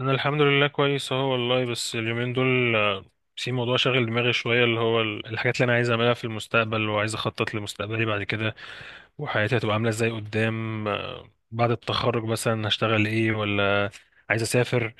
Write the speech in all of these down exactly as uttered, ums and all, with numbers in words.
انا الحمد لله كويس اهو والله، بس اليومين دول آه، في موضوع شاغل دماغي شويه، اللي هو ال- الحاجات اللي انا عايز اعملها في المستقبل، وعايز اخطط لمستقبلي بعد كده وحياتي هتبقى عامله ازاي قدام. آه، بعد التخرج مثلا هشتغل ايه؟ ولا عايز اسافر؟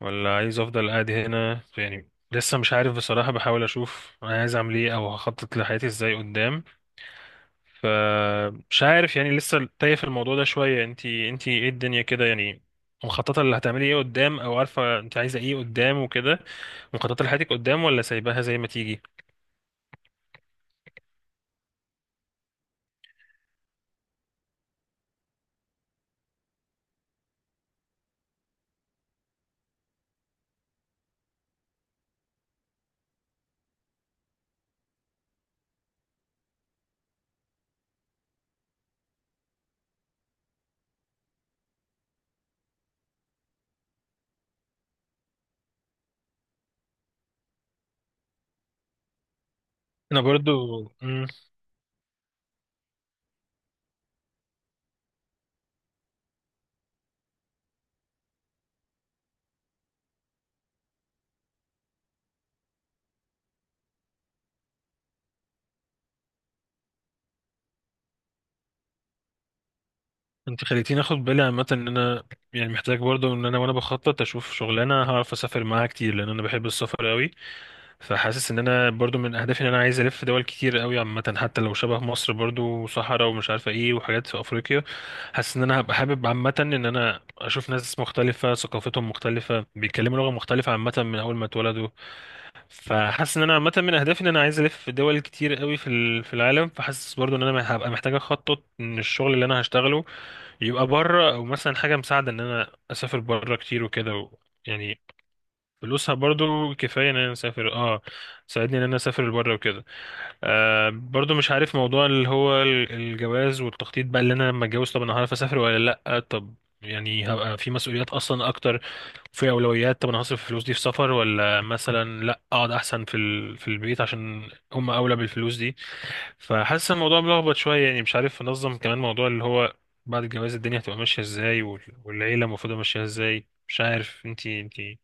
ولا عايز افضل قاعد هنا؟ يعني لسه مش عارف بصراحه، بحاول اشوف انا عايز اعمل ايه او هخطط لحياتي ازاي قدام. فمش عارف يعني، لسه تايه في الموضوع ده شوية. انتي انتي ايه الدنيا كده يعني؟ مخططة اللي هتعملي ايه قدام؟ او عارفة انت عايزة ايه قدام وكده؟ مخططة لحياتك قدام ولا سايباها زي ما تيجي؟ انا برضو مم، انت خليتيني اخد بالي عامة ان انا يعني محتاج برضو ان انا، وانا بخطط اشوف شغلانة هعرف اسافر معاها كتير، لان انا بحب السفر قوي. فحاسس ان انا برضو من اهدافي ان انا عايز الف دول كتير قوي عامه، حتى لو شبه مصر برضو وصحراء ومش عارفه ايه وحاجات في افريقيا. حاسس ان انا هبقى حابب عامه ان انا اشوف ناس مختلفه ثقافتهم مختلفه بيتكلموا لغه مختلفه عامه من اول ما اتولدوا. فحاسس ان انا عامه من اهدافي ان انا عايز الف دول كتير قوي في ال- في العالم. فحاسس برضو ان انا هبقى محتاج اخطط ان الشغل اللي انا هشتغله يبقى بره، او مثلا حاجه مساعده ان انا اسافر بره كتير وكده و... يعني فلوسها برضو كفاية ان انا اسافر، اه. ساعدني ان انا اسافر بره وكده. آه برضو مش عارف موضوع اللي هو ال- الجواز والتخطيط بقى، اللي انا لما اتجوز طب انا هعرف اسافر ولا لا؟ طب يعني هبقى في مسؤوليات اصلا اكتر، في اولويات. طب انا هصرف الفلوس دي في سفر؟ ولا مثلا لا اقعد احسن في ال... في البيت عشان هم اولى بالفلوس دي؟ فحاسس الموضوع ملخبط شوية، يعني مش عارف انظم. كمان موضوع اللي هو بعد الجواز الدنيا هتبقى ماشية ازاي، وال- والعيلة المفروض ماشية ازاي؟ مش عارف. انتي انتي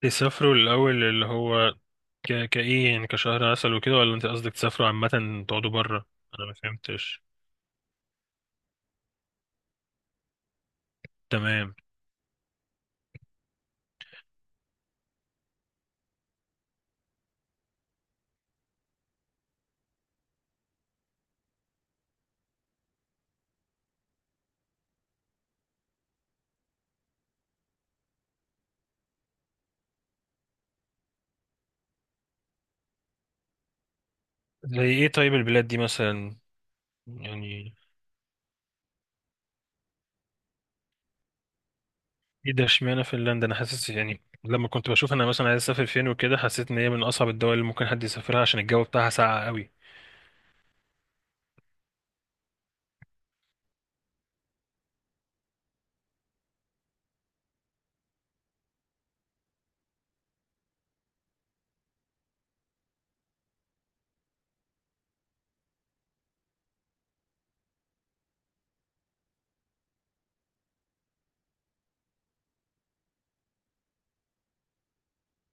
تسافروا الأول اللي هو ك... كإيه يعني؟ كشهر عسل وكده؟ ولا أنت قصدك تسافروا عامة تقعدوا برا؟ أنا ما فهمتش. تمام. زي إيه طيب البلاد دي مثلا يعني؟ إيه ده؟ اشمعنى فنلندا؟ أنا حاسس يعني لما كنت بشوف أنا مثلا عايز أسافر فين وكده، حسيت إن هي من أصعب الدول اللي ممكن حد يسافرها عشان الجو بتاعها ساقع قوي.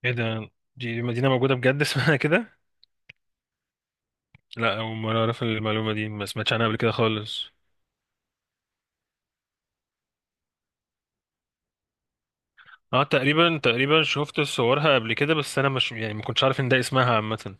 إيه ده؟ دي مدينة موجودة بجد اسمها كده؟ لا، أول مرة أعرف المعلومة دي، ما سمعتش عنها قبل كده خالص. اه، تقريبا تقريبا شفت صورها قبل كده، بس انا مش يعني ما كنتش عارف ان ده اسمها عامة.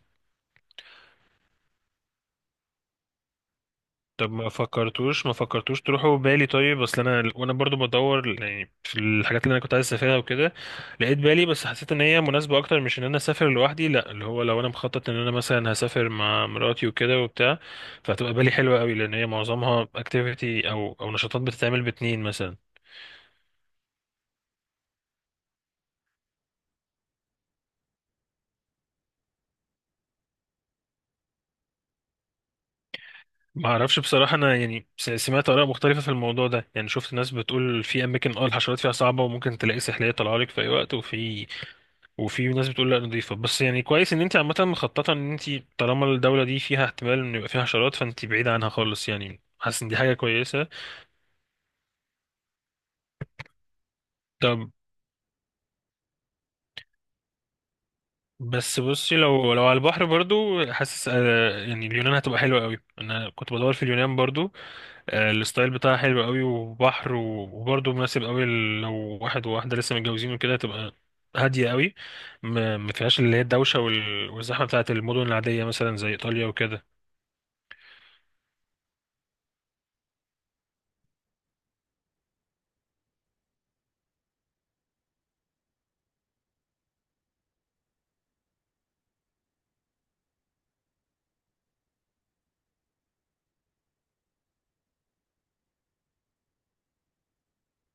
طب ما فكرتوش ما فكرتوش تروحوا بالي؟ طيب اصل انا وانا برضو بدور يعني في الحاجات اللي انا كنت عايز اسافرها وكده، لقيت بالي. بس حسيت ان هي مناسبه اكتر مش ان انا اسافر لوحدي، لا، اللي هو لو انا مخطط ان انا مثلا هسافر مع مراتي وكده وبتاع، فهتبقى بالي حلوه قوي، لان هي معظمها اكتيفيتي او او نشاطات بتتعمل باتنين مثلا. ما اعرفش بصراحه انا يعني، س- سمعت اراء مختلفه في الموضوع ده. يعني شفت ناس بتقول في اماكن اه الحشرات فيها صعبه وممكن تلاقي سحليه طالعه لك في اي وقت وفي. وفي ناس بتقول لا، نضيفة. بس يعني كويس ان انت عامة مخططة ان انت طالما الدولة دي فيها احتمال ان يبقى فيها حشرات فانت بعيدة عنها خالص، يعني حاسس ان دي حاجة كويسة. طب بس بصي، لو لو على البحر برضو حاسس آه، يعني اليونان هتبقى حلوة قوي. انا كنت بدور في اليونان برضو. آه، الستايل بتاعها حلو قوي، وبحر، و- وبرضه مناسب قوي ل- لو واحد وواحدة لسه متجوزين وكده تبقى هادية قوي. ما ما فيهاش اللي هي الدوشة وال- والزحمة بتاعة المدن العادية مثلا زي إيطاليا وكده.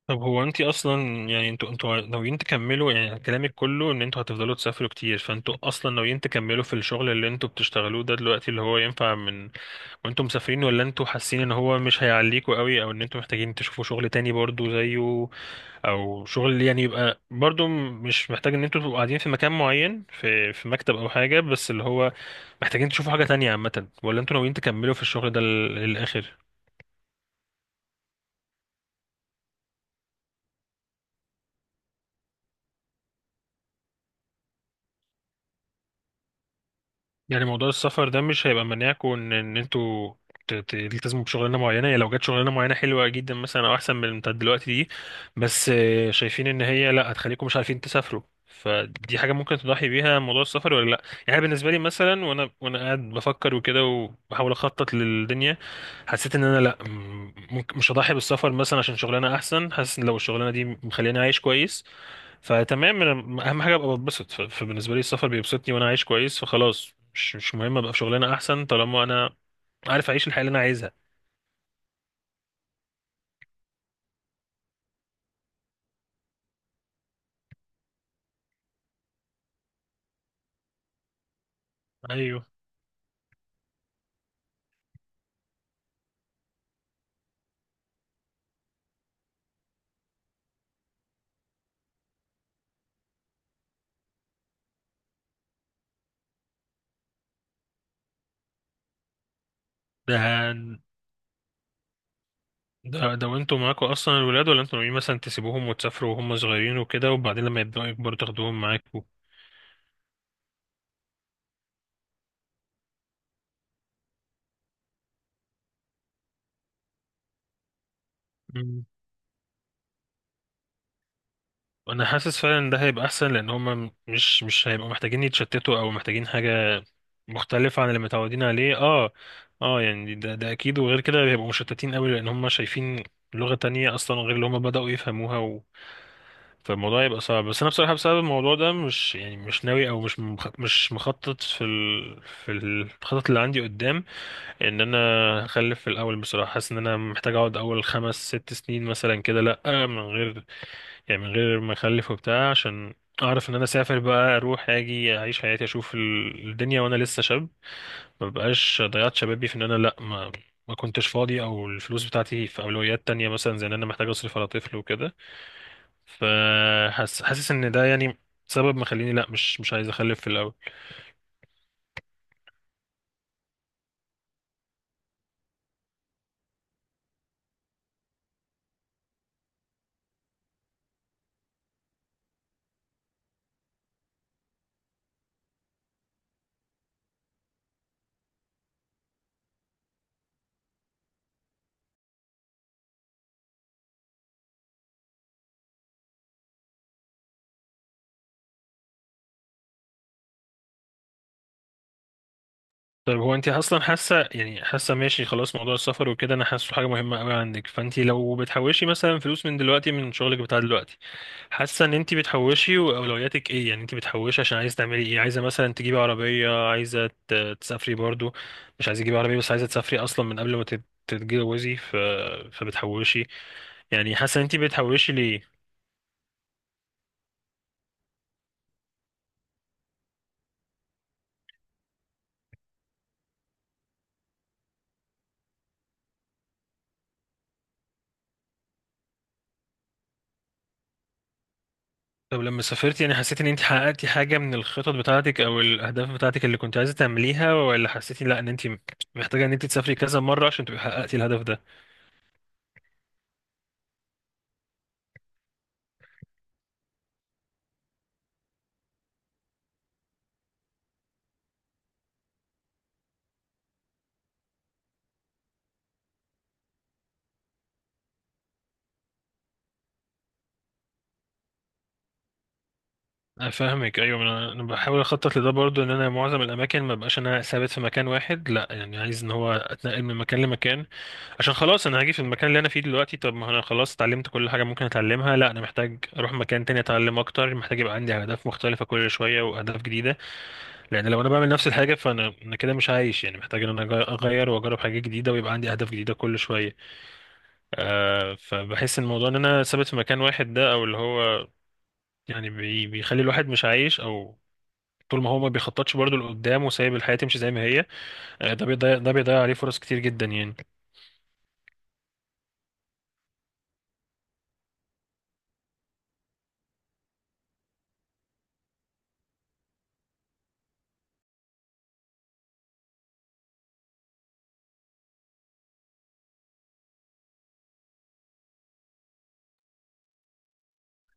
طب هو انت اصلا يعني انتوا انتوا ناويين تكملوا؟ يعني كلامك كله ان انتوا هتفضلوا تسافروا كتير، فانتوا اصلا ناويين تكملوا في الشغل اللي انتوا بتشتغلوه ده دلوقتي، اللي هو ينفع من وانتوا مسافرين؟ ولا انتوا حاسين ان هو مش هيعليكوا قوي، او ان انتوا محتاجين تشوفوا شغل تاني برضو زيه، او شغل يعني يبقى برضو مش محتاج ان انتوا تبقوا قاعدين في مكان معين، في في مكتب او حاجة، بس اللي هو محتاجين تشوفوا حاجة تانية عامة؟ ولا انتوا ناويين تكملوا في الشغل ده لل- للاخر؟ يعني موضوع السفر ده مش هيبقى مناعكم ان ان انتوا ت- ت- تلتزموا بشغلانه معينه، يعني لو جت شغلانه معينه حلوه جدا مثلا او احسن من اللي بتاعت دلوقتي دي، بس آه، شايفين ان هي لا هتخليكم مش عارفين تسافروا، فدي حاجه ممكن تضحي بيها موضوع السفر ولا لا؟ يعني بالنسبه لي مثلا، وانا وانا قاعد بفكر وكده وبحاول اخطط للدنيا، حسيت ان انا لا، م- ممكن مش هضحي بالسفر مثلا عشان شغلانه احسن. حاسس ان لو الشغلانه دي مخليني عايش كويس فتمام، أنا اهم حاجه ابقى بتبسط. ف- فبالنسبه لي السفر بيبسطني وانا عايش كويس، فخلاص مش مش مهم ابقى في شغلانه احسن طالما انا عارف اعيش الحياه اللي انا عايزها. ايوه. ده ده ده وانتوا معاكوا اصلا الولاد؟ ولا انتوا ناويين مثلا تسيبوهم وتسافروا وهم صغيرين وكده وبعدين لما يبداوا يكبروا تاخدوهم معاكوا؟ انا حاسس فعلا ان ده هيبقى احسن، لان هما مش مش هيبقوا محتاجين يتشتتوا او محتاجين حاجه مختلفه عن اللي متعودين عليه، اه. اه، يعني ده ده اكيد. وغير كده هيبقوا مشتتين قوي، لان هما شايفين لغه تانية اصلا غير اللي هما بداوا يفهموها و... فالموضوع يبقى صعب. بس انا بصراحه بسبب الموضوع ده مش يعني مش ناوي او مش مخ... مش مخطط في ال... في الخطط اللي عندي قدام ان انا هخلف في الاول. بصراحه حاسس ان انا محتاج اقعد اول خمس ست سنين مثلا كده لا من غير، يعني من غير ما اخلف وبتاع، عشان اعرف ان انا اسافر بقى، اروح اجي اعيش حياتي اشوف ال- الدنيا وانا لسه شاب، ما بقاش ضيعت شبابي في ان انا لا ما ما كنتش فاضي، او الفلوس بتاعتي في اولويات تانية مثلا زي ان انا محتاج اصرف على طفل وكده. فحاسس ان ده يعني سبب مخليني لا مش مش عايز اخلف في الاول. طيب هو انت اصلا حاسه يعني، حاسه ماشي خلاص موضوع السفر وكده؟ انا حاسه حاجه مهمه قوي عندك، فانت لو بتحوشي مثلا فلوس من دلوقتي من شغلك بتاع دلوقتي حاسه ان انت بتحوشي، واولوياتك ايه يعني؟ انت بتحوشي عشان عايزه تعملي ايه؟ عايزه مثلا تجيبي عربيه؟ عايزه ت- تسافري برضو؟ مش عايزه تجيبي عربيه بس عايزه تسافري اصلا من قبل ما تت- تتجوزي ف... فبتحوشي يعني، حاسه ان انت بتحوشي ليه؟ طب لما سافرت، يعني حسيت ان انت حققتي حاجة من الخطط بتاعتك او الاهداف بتاعتك اللي كنت عايزة تعمليها؟ ولا حسيتي لا، ان انت محتاجة ان انت تسافري كذا مرة عشان تبقي حققتي الهدف ده؟ انا فاهمك، ايوه. انا أنا بحاول اخطط لده برضو، ان انا معظم الاماكن ما بقاش انا ثابت في مكان واحد، لا يعني عايز ان هو اتنقل من مكان لمكان، عشان خلاص انا هاجي في المكان اللي انا فيه دلوقتي. طب ما انا خلاص اتعلمت كل حاجة ممكن اتعلمها، لا، انا محتاج اروح مكان تاني اتعلم اكتر، محتاج يبقى عندي اهداف مختلفة كل شوية واهداف جديدة. لان لو انا بعمل نفس الحاجه فانا انا كده مش عايش يعني، محتاج ان انا أج- اغير واجرب حاجات جديده ويبقى عندي اهداف جديده كل شويه. آه فبحس ان الموضوع ان انا ثابت في مكان واحد ده، او اللي هو يعني بي بيخلي الواحد مش عايش، او طول ما هو ما بيخططش برضه لقدام وسايب الحياه تمشي زي ما هي، آه ده بيضيع، ده بيضيع عليه فرص كتير جدا يعني.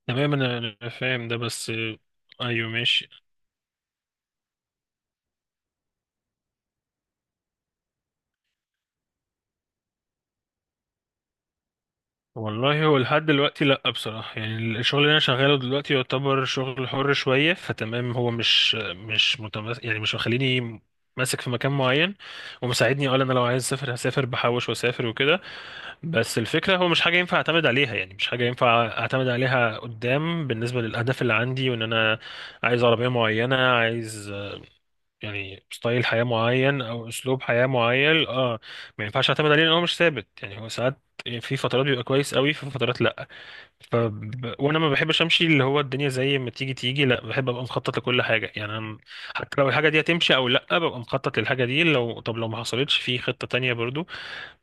تمام انا أنا فاهم ده بس آه ايوه ماشي. والله هو لحد دلوقتي لأ بصراحة، يعني الشغل اللي أنا شغاله دلوقتي يعتبر شغل حر شوية، فتمام هو مش مش متمس يعني، مش مخليني ماسك في مكان معين. ومساعدني أقول أنا لو عايز أسافر هسافر، بحوش وأسافر وكده. بس الفكرة هو مش حاجة ينفع أعتمد عليها، يعني مش حاجة ينفع أعتمد عليها قدام بالنسبة للأهداف اللي عندي وإن أنا عايز عربية معينة، عايز يعني ستايل حياة معين أو أسلوب حياة معين، اه. ما ينفعش أعتمد عليه لأن هو مش ثابت، يعني هو ساعات في فترات بيبقى كويس قوي، في فترات لأ، ف... وانا ما بحبش امشي اللي هو الدنيا زي ما تيجي تيجي، لا بحب ابقى مخطط لكل حاجه يعني. انا حتى لو الحاجه دي هتمشي او لا ببقى مخطط للحاجه دي. لو طب لو ما حصلتش في خطه تانية برضو.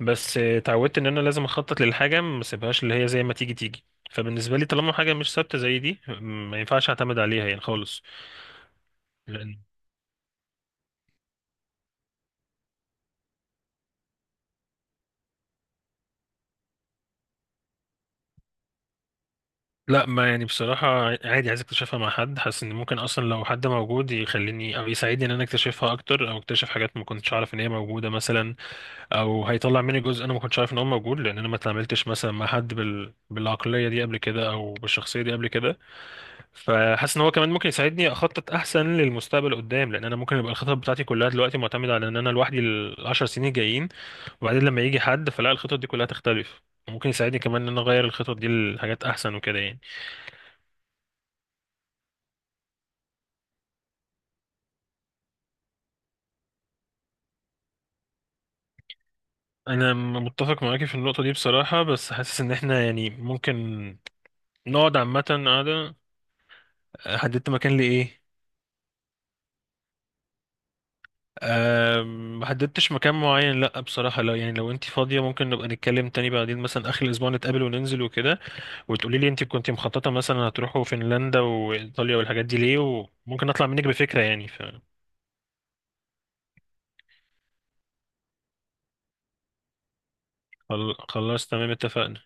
بس آه، اتعودت ان انا لازم اخطط للحاجه، ما اسيبهاش اللي هي زي ما تيجي تيجي. فبالنسبه لي طالما حاجه مش ثابته زي دي م- ما ينفعش اعتمد عليها يعني خالص. لان لا، ما يعني بصراحة عادي، عايز اكتشفها مع حد. حاسس ان ممكن اصلا لو حد موجود يخليني او يساعدني ان انا اكتشفها اكتر، او اكتشف حاجات ما كنتش اعرف ان هي موجودة مثلا، او هيطلع مني جزء انا ما كنتش عارف ان هو موجود، لان انا ما اتعاملتش مثلا مع حد بال... بالعقليه دي قبل كده او بالشخصيه دي قبل كده. فحاسس ان هو كمان ممكن يساعدني اخطط احسن للمستقبل قدام، لان انا ممكن يبقى الخطط بتاعتي كلها دلوقتي معتمده على ان انا لوحدي العشر سنين الجايين، وبعدين لما يجي حد فلا الخطط دي كلها تختلف، ممكن يساعدني كمان ان انا اغير الخطط دي لحاجات احسن وكده يعني. انا م- متفق معاكي في النقطه دي بصراحه، بس حاسس ان احنا يعني ممكن نقعد عامه قاعده. حددت مكان لايه؟ أم، محددتش مكان معين لا بصراحة، لا يعني لو انت فاضية ممكن نبقى نتكلم تاني بعدين، مثلا آخر الأسبوع نتقابل وننزل وكده وتقولي لي انت كنت مخططة مثلا هتروحوا فنلندا وإيطاليا والحاجات دي ليه، وممكن أطلع منك بفكرة يعني. فخلاص تمام، اتفقنا.